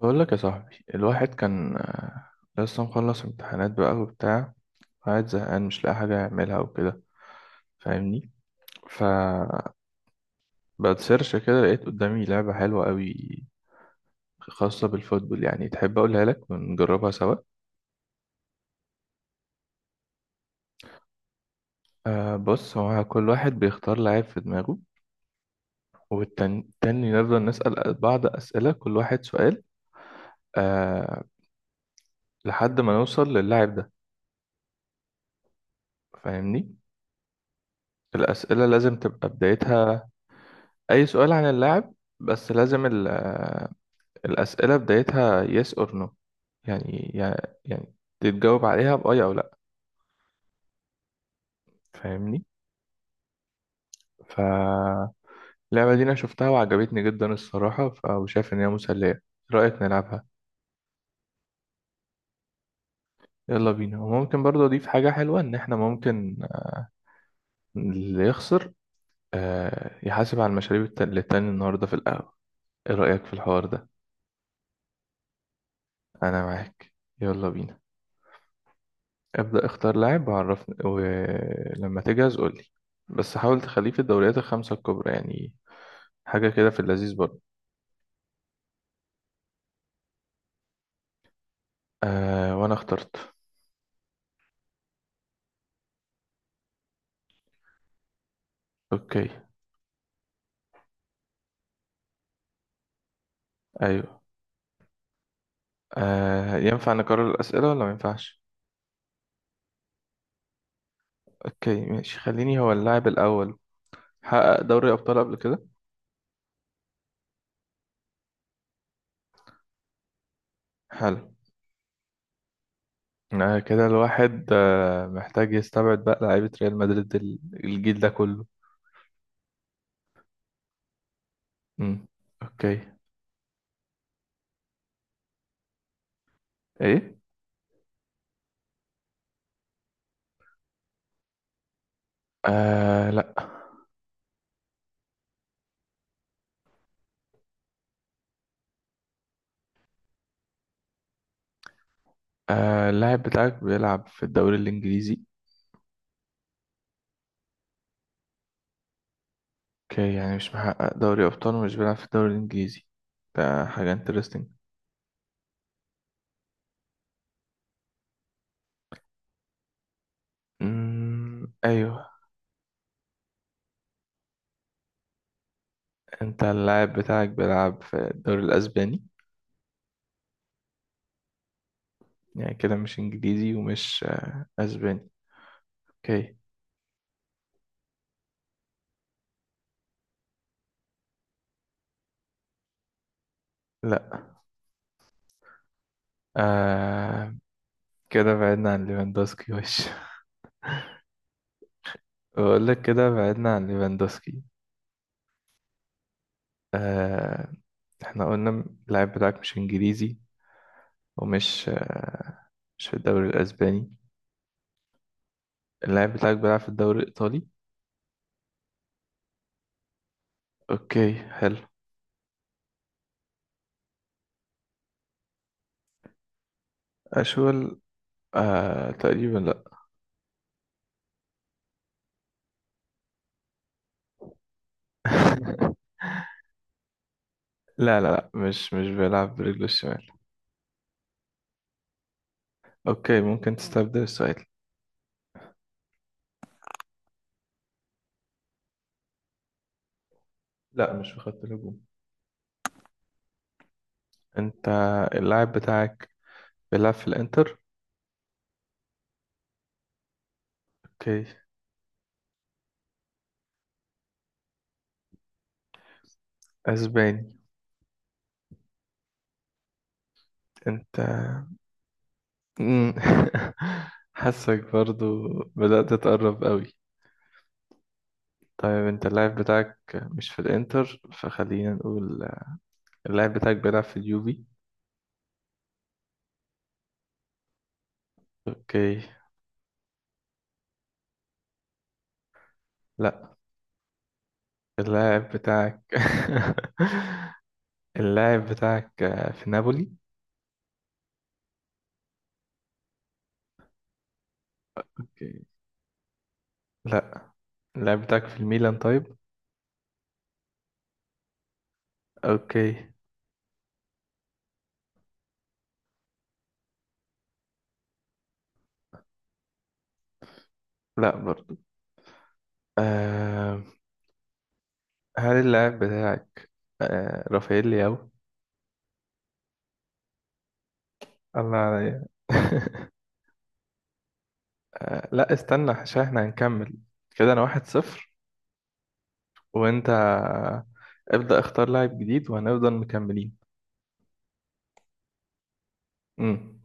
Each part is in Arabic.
بقول لك يا صاحبي الواحد كان لسه مخلص امتحانات بقى وبتاع، قاعد زهقان مش لاقي حاجة يعملها وكده. فاهمني؟ فبتسيرش كده لقيت قدامي لعبة حلوة قوي خاصة بالفوتبول، يعني تحب أقولها لك ونجربها سوا. بص، هو كل واحد بيختار لاعب في دماغه، والتاني نفضل نسأل بعض أسئلة، كل واحد سؤال. آه، لحد ما نوصل للاعب ده. فاهمني؟ الأسئلة لازم تبقى بدايتها، أي سؤال عن اللاعب، بس لازم الأسئلة بدايتها yes or no، يعني يعني تتجاوب عليها بأي أو لأ. فاهمني؟ فاللعبة دي أنا شفتها وعجبتني جدا الصراحة، وشايف إن هي مسلية. إيه رأيك نلعبها؟ يلا بينا. وممكن برضه أضيف حاجة حلوة، إن إحنا ممكن اللي يخسر، يحاسب على المشاريب للتاني النهاردة في القهوة. إيه رأيك في الحوار ده؟ أنا معاك، يلا بينا. ابدأ اختار لاعب وعرفني، ولما تجهز قولي. بس حاول تخليه في الدوريات الخمسة الكبرى، يعني حاجة كده في اللذيذ برضه. آه وأنا اخترت. أوكي. أيوه. آه ينفع نكرر الأسئلة ولا ما ينفعش؟ أوكي ماشي، خليني هو اللاعب الأول. حقق دوري أبطال قبل كده؟ حلو. آه كده الواحد آه محتاج يستبعد بقى لعيبة ريال مدريد الجيل ده كله. مم. أوكي. إيه؟ آه لأ. آه اللاعب بتاعك بيلعب في الدوري الإنجليزي؟ أوكي، يعني مش محقق دوري أبطال ومش بيلعب في الدوري الإنجليزي. ده حاجة انترستنج. ايوه. انت اللاعب بتاعك بيلعب في الدوري الاسباني؟ يعني كده مش انجليزي ومش اسباني. اوكي. لا. آه كده بعدنا عن ليفاندوسكي. وش؟ بقول لك كده بعدنا عن ليفاندوسكي. آه، احنا قلنا اللاعب بتاعك مش انجليزي ومش مش في الدوري الاسباني. اللاعب بتاعك بيلعب في الدوري الايطالي؟ اوكي حلو. اشول؟ آه تقريبا لا. لا لا لا، مش بيلعب برجله الشمال. اوكي ممكن تستبدل السؤال. لا مش في خط الهجوم. انت اللاعب بتاعك بيلعب في الانتر؟ اوكي. اسباني؟ انت، مم. حاسك برضو بدأت تقرب قوي. طيب انت اللاعب بتاعك مش في الانتر، فخلينا نقول اللاعب بتاعك بيلعب في اليوفي؟ اوكي. لا. اللاعب بتاعك، اللاعب بتاعك في نابولي؟ اوكي. لا. اللاعب بتاعك في الميلان طيب؟ اوكي. لا برضو. آم، هل اللاعب بتاعك آه رافائيل لياو؟ الله عليا! آه لا استنى، عشان احنا هنكمل. كده انا 1-0، وانت ابدأ اختار لاعب جديد وهنفضل مكملين. امم.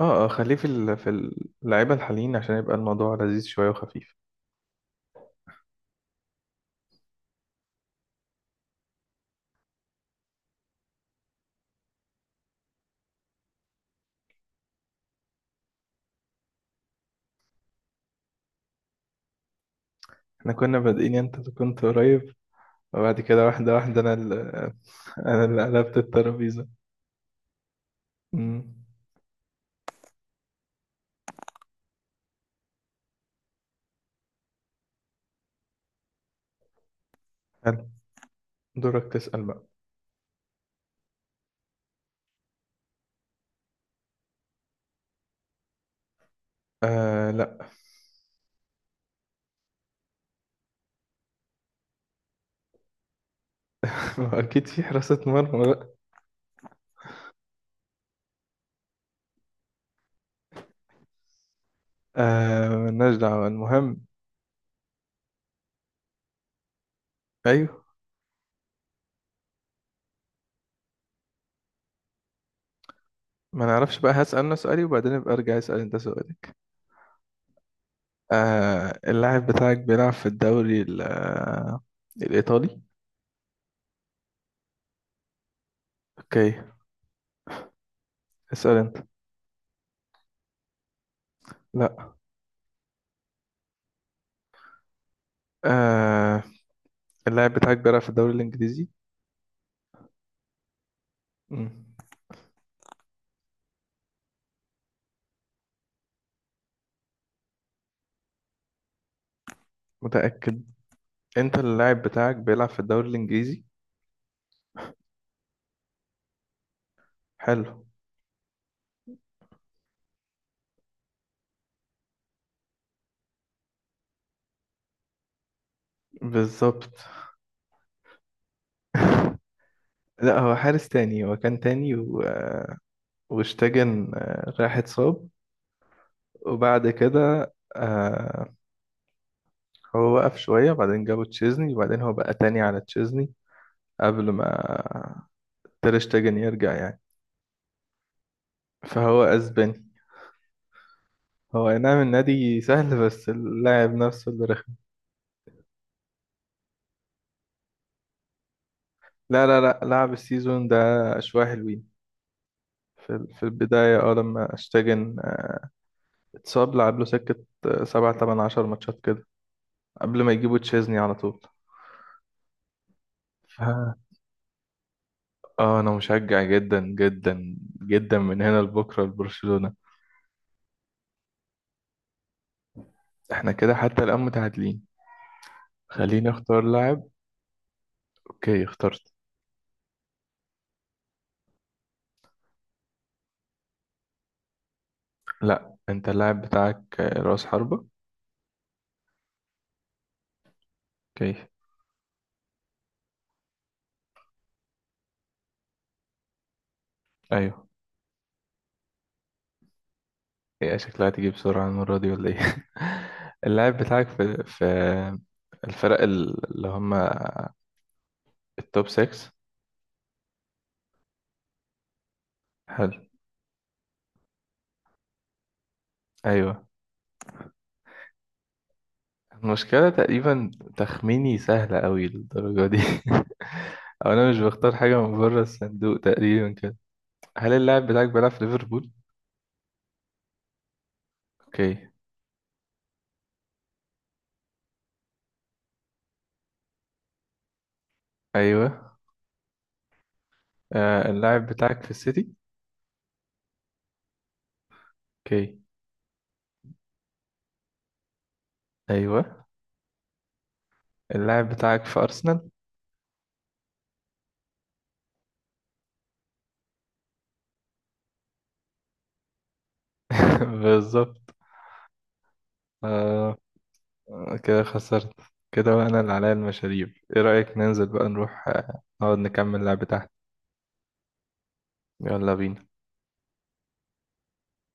اه اه، خليه في اللعيبة الحاليين عشان يبقى الموضوع لذيذ شوية وخفيف. احنا كنا بادئين، انت كنت قريب، وبعد كده واحدة واحدة انا اللي، انا اللي قلبت الترابيزة. امم. حلو. دورك تسأل بقى. آه لا. ما هو اكيد في حراسة مرمى. آه مالناش دعوة، المهم. أيوه. ما نعرفش بقى، هسأل أنا سؤالي وبعدين أبقى أرجع أسأل أنت سؤالك. آه اللاعب بتاعك بيلعب في الدوري الإيطالي؟ أوكي. اسأل أنت. لا. آه اللاعب بتاعك بيلعب في الدوري الإنجليزي؟ مم. متأكد. أنت اللاعب بتاعك بيلعب في الدوري الإنجليزي. حلو. بالظبط. لا هو حارس تاني، هو كان تاني و... واشتجن راح اتصاب، وبعد كده، آه، هو وقف شوية، بعدين جابوا تشيزني، وبعدين هو بقى تاني على تشيزني قبل ما تير شتيجن يرجع يعني. فهو أسباني. هو أي نعم النادي سهل، بس اللاعب نفسه اللي رخم. لا لا لا، لعب السيزون ده شوية حلوين في البداية اه لما اشتاجن اتصاب، لعب له سكة 7 8 10 ماتشات كده قبل ما يجيبوا تشيزني على طول. ف اه، أنا مشجع جدا جدا جدا من هنا لبكرة لبرشلونة. احنا كده حتى الآن متعادلين. خليني اختار لاعب. اوكي اخترت. لا. انت اللاعب بتاعك رأس حربة؟ اوكي. ايوه. ايه شكلها تيجي بسرعة المرة دي ولا ايه؟ اللاعب بتاعك في الفرق اللي هم التوب 6؟ حلو. ايوه. المشكلة تقريبا تخميني سهلة قوي للدرجة دي، او انا مش بختار حاجة من بره الصندوق تقريبا كده. هل اللاعب بتاعك بيلعب في ليفربول؟ اوكي. ايوه. آه اللاعب بتاعك في السيتي؟ اوكي. ايوه. اللاعب بتاعك في ارسنال؟ بالظبط. آه، كده خسرت. كده بقى انا اللي عليا المشاريب. ايه رأيك ننزل بقى نروح، نقعد نكمل لعب تحت؟ يلا بينا.